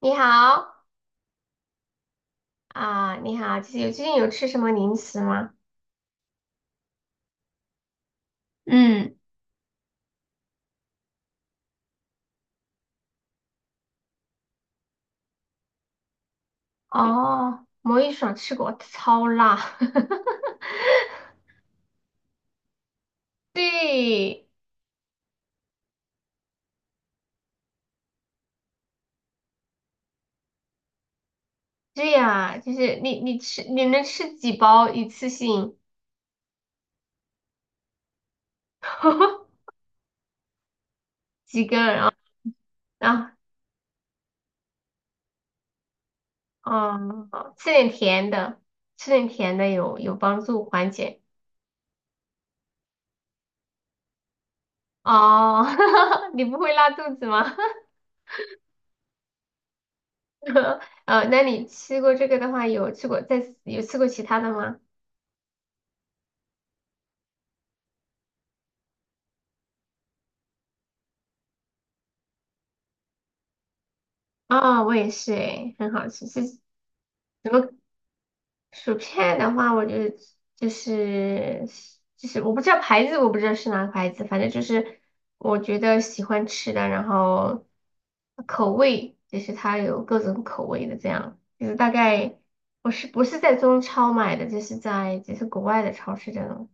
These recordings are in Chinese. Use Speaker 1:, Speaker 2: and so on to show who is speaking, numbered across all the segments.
Speaker 1: 你好啊，你好，就是最近有吃什么零食吗？嗯，哦，魔芋爽吃过，超辣。对，对呀，就是你能吃几包一次性？几个？然后然后嗯，吃点甜的，吃点甜的有帮助缓解。哦，你不会拉肚子吗？那你吃过这个的话，有吃过再有吃过其他的吗？哦，我也是诶，很好吃。是什么薯片的话，我觉得就是就是我不知道是哪个牌子，反正就是我觉得喜欢吃的，然后口味就是它有各种口味的这样，就是大概我是不是在中超买的，就是在就是国外的超市这种。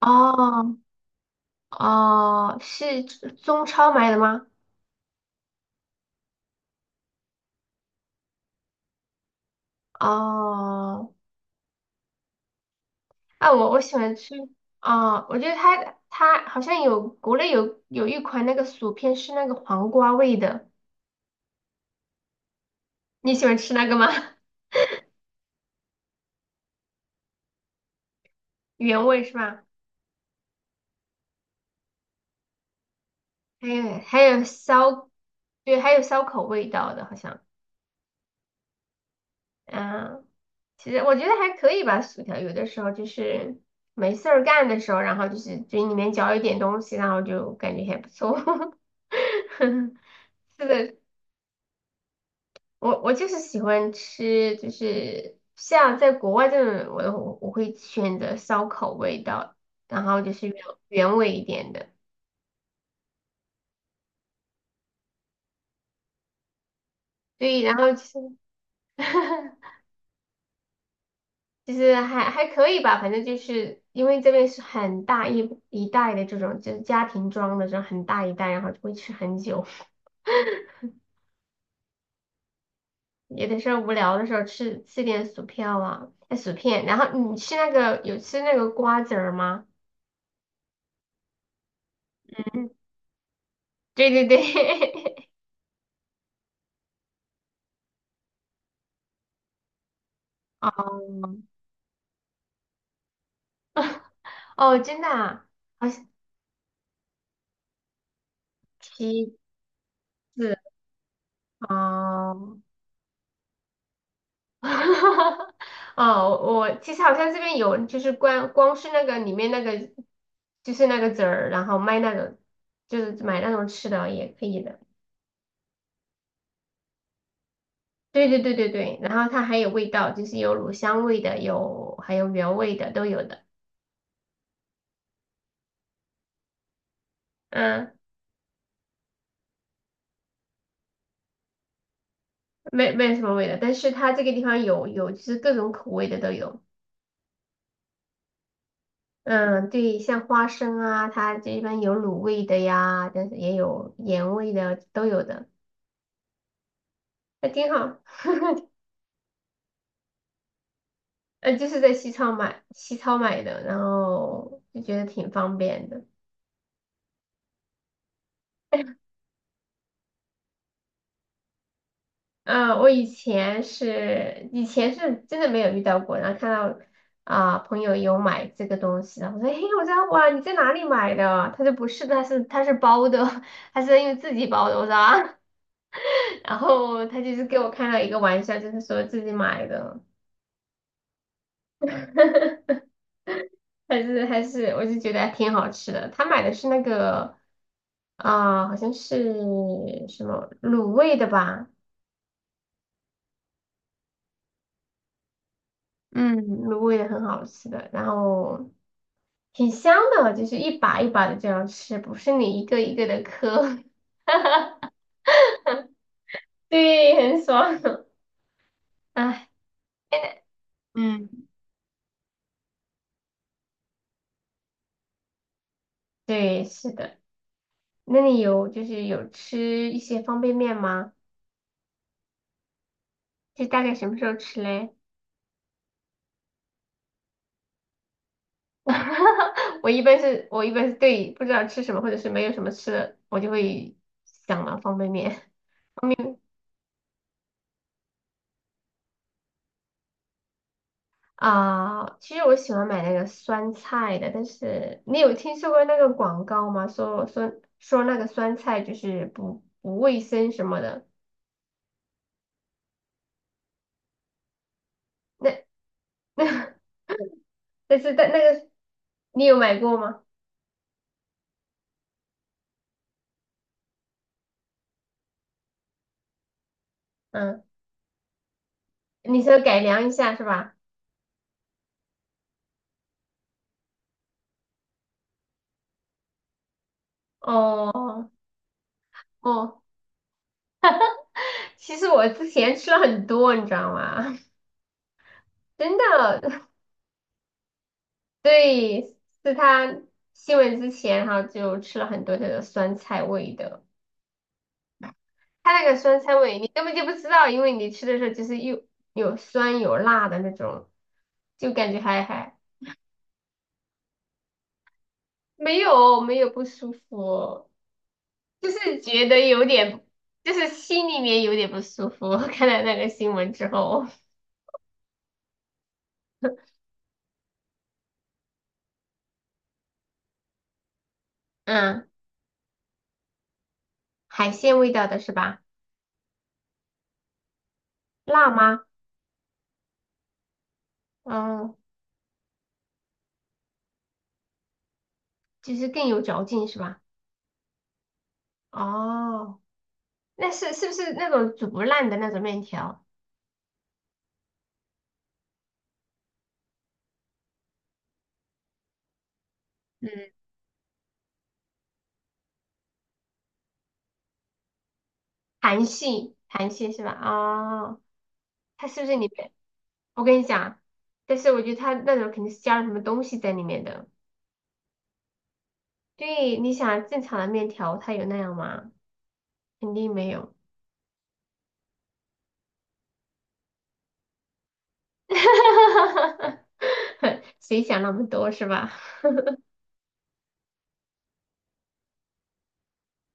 Speaker 1: 哦哦，是中超买的吗？哦。啊，我喜欢吃我觉得它好像有国内有一款那个薯片是那个黄瓜味的，你喜欢吃那个吗？原味是吧？还有还有烧，对，还有烧烤味道的，好像，嗯，其实我觉得还可以吧。薯条有的时候就是没事儿干的时候，然后就是嘴里面嚼一点东西，然后就感觉还不错。是的，我就是喜欢吃，就是像在国外这种，我会选择烧烤味道，然后就是原味一点的，对，然后就是 就是还可以吧，反正就是因为这边是很大一袋的这种，就是家庭装的这种很大一袋，然后就会吃很久，有的时候无聊的时候吃点薯片啊，哎薯片，然后你吃那个有吃那个瓜子儿吗？嗯，对对对，哦。哦，真的啊，好像其次哦，哦，我其实好像这边有，就是光光是那个里面那个，就是那个籽儿，然后卖那种，就是买那种吃的也可以的。对对对对对，然后它还有味道，就是有乳香味的，有还有原味的都有的。嗯，没有什么味的，但是它这个地方有就是各种口味的都有。嗯，对，像花生啊，它这一般有卤味的呀，但是也有盐味的，都有的，那挺好。嗯，就是在西超买的，然后就觉得挺方便的。嗯，我以前是，以前是真的没有遇到过，然后看到朋友有买这个东西，然后我说，嘿，我说哇，你在哪里买的？他说不是的，他是包的，他是因为自己包的。我说啊，然后他就是给我开了一个玩笑，就是说自己买的。还是，我就觉得还挺好吃的。他买的是那个好像是什么卤味的吧，嗯，卤味的很好吃的，然后挺香的，就是一把一把的这样吃，不是你一个一个的嗑，对，很爽。哎，嗯，对，是的。那你有就是有吃一些方便面吗？是大概什么时候吃嘞？我一般是对不知道吃什么或者是没有什么吃的，我就会想了方便面。方便面啊，其实我喜欢买那个酸菜的，但是你有听说过那个广告吗？说那个酸菜就是不卫生什么的。那 那但是但那个你有买过吗？嗯，你说改良一下是吧？哦哦，其实我之前吃了很多，你知道吗？真的。对，是新闻之前哈，就吃了很多这个酸菜味的。他那个酸菜味你根本就不知道，因为你吃的时候就是又有酸有辣的那种，就感觉还没有没有不舒服，就是觉得有点，就是心里面有点不舒服。看了那个新闻之后，嗯，海鲜味道的是吧？辣吗？嗯，就是更有嚼劲是吧？哦。那是不是那种煮不烂的那种面条？嗯，韩系，韩系是吧？哦，它是不是里面？我跟你讲，但是我觉得它那种肯定是加了什么东西在里面的。对，你想正常的面条，它有那样吗？肯定没有。谁想那么多是吧？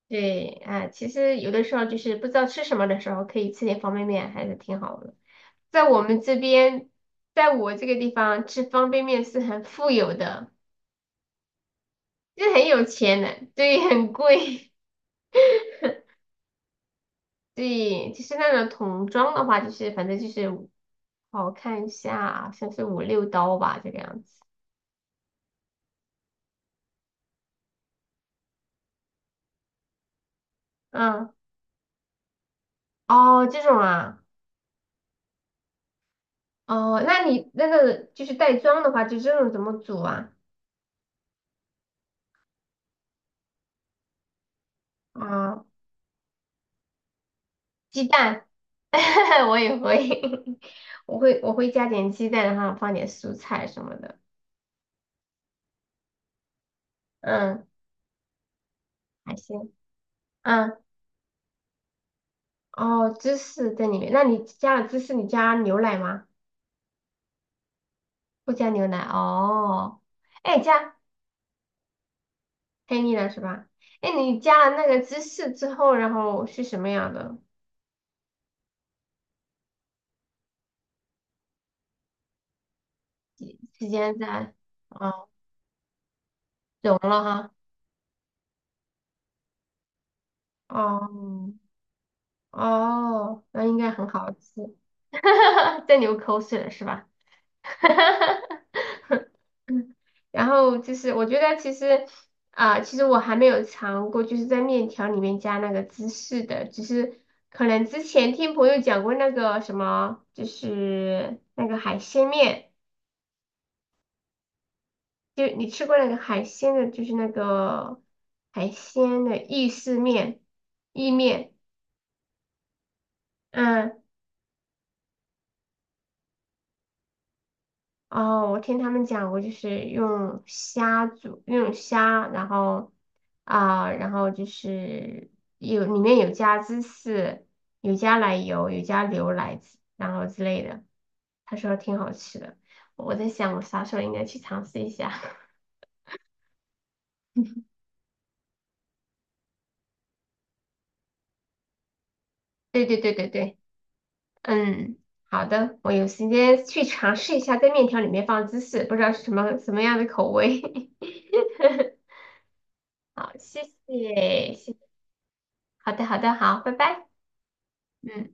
Speaker 1: 对，啊，其实有的时候就是不知道吃什么的时候，可以吃点方便面，还是挺好的。在我们这边，在我这个地方吃方便面是很富有的。就是很有钱的，对，很贵，对，就是那种桶装的话，反正就是五，好我看一下，好像是5、6刀吧，这个样子。嗯，哦，这种啊，哦，那你那个就是袋装的话，就这种怎么煮啊？啊、鸡蛋，我也会，我会加点鸡蛋，然后放点蔬菜什么的。嗯，还行。嗯，哦，芝士在里面，那你加了芝士，你加牛奶吗？不加牛奶哦。哎，加黑腻了是吧？哎，你加了那个芝士之后，然后是什么样的？几时间在？哦，融了哈。哦哦，那应该很好吃。在流口水了是吧？然后就是我觉得其实我还没有尝过，就是在面条里面加那个芝士的，只是可能之前听朋友讲过那个什么，就是那个海鲜面，就你吃过那个海鲜的，就是那个海鲜的意面，嗯。哦，我听他们讲过，就是用虾煮，然后就是里面有加芝士，有加奶油，有加牛奶之然后之类的。他说挺好吃的，我在想我啥时候应该去尝试一下。对对对对对，嗯，好的，我有时间去尝试一下在面条里面放芝士，不知道是什么样的口味。好，谢谢，谢谢，好的好的，好，拜拜。嗯，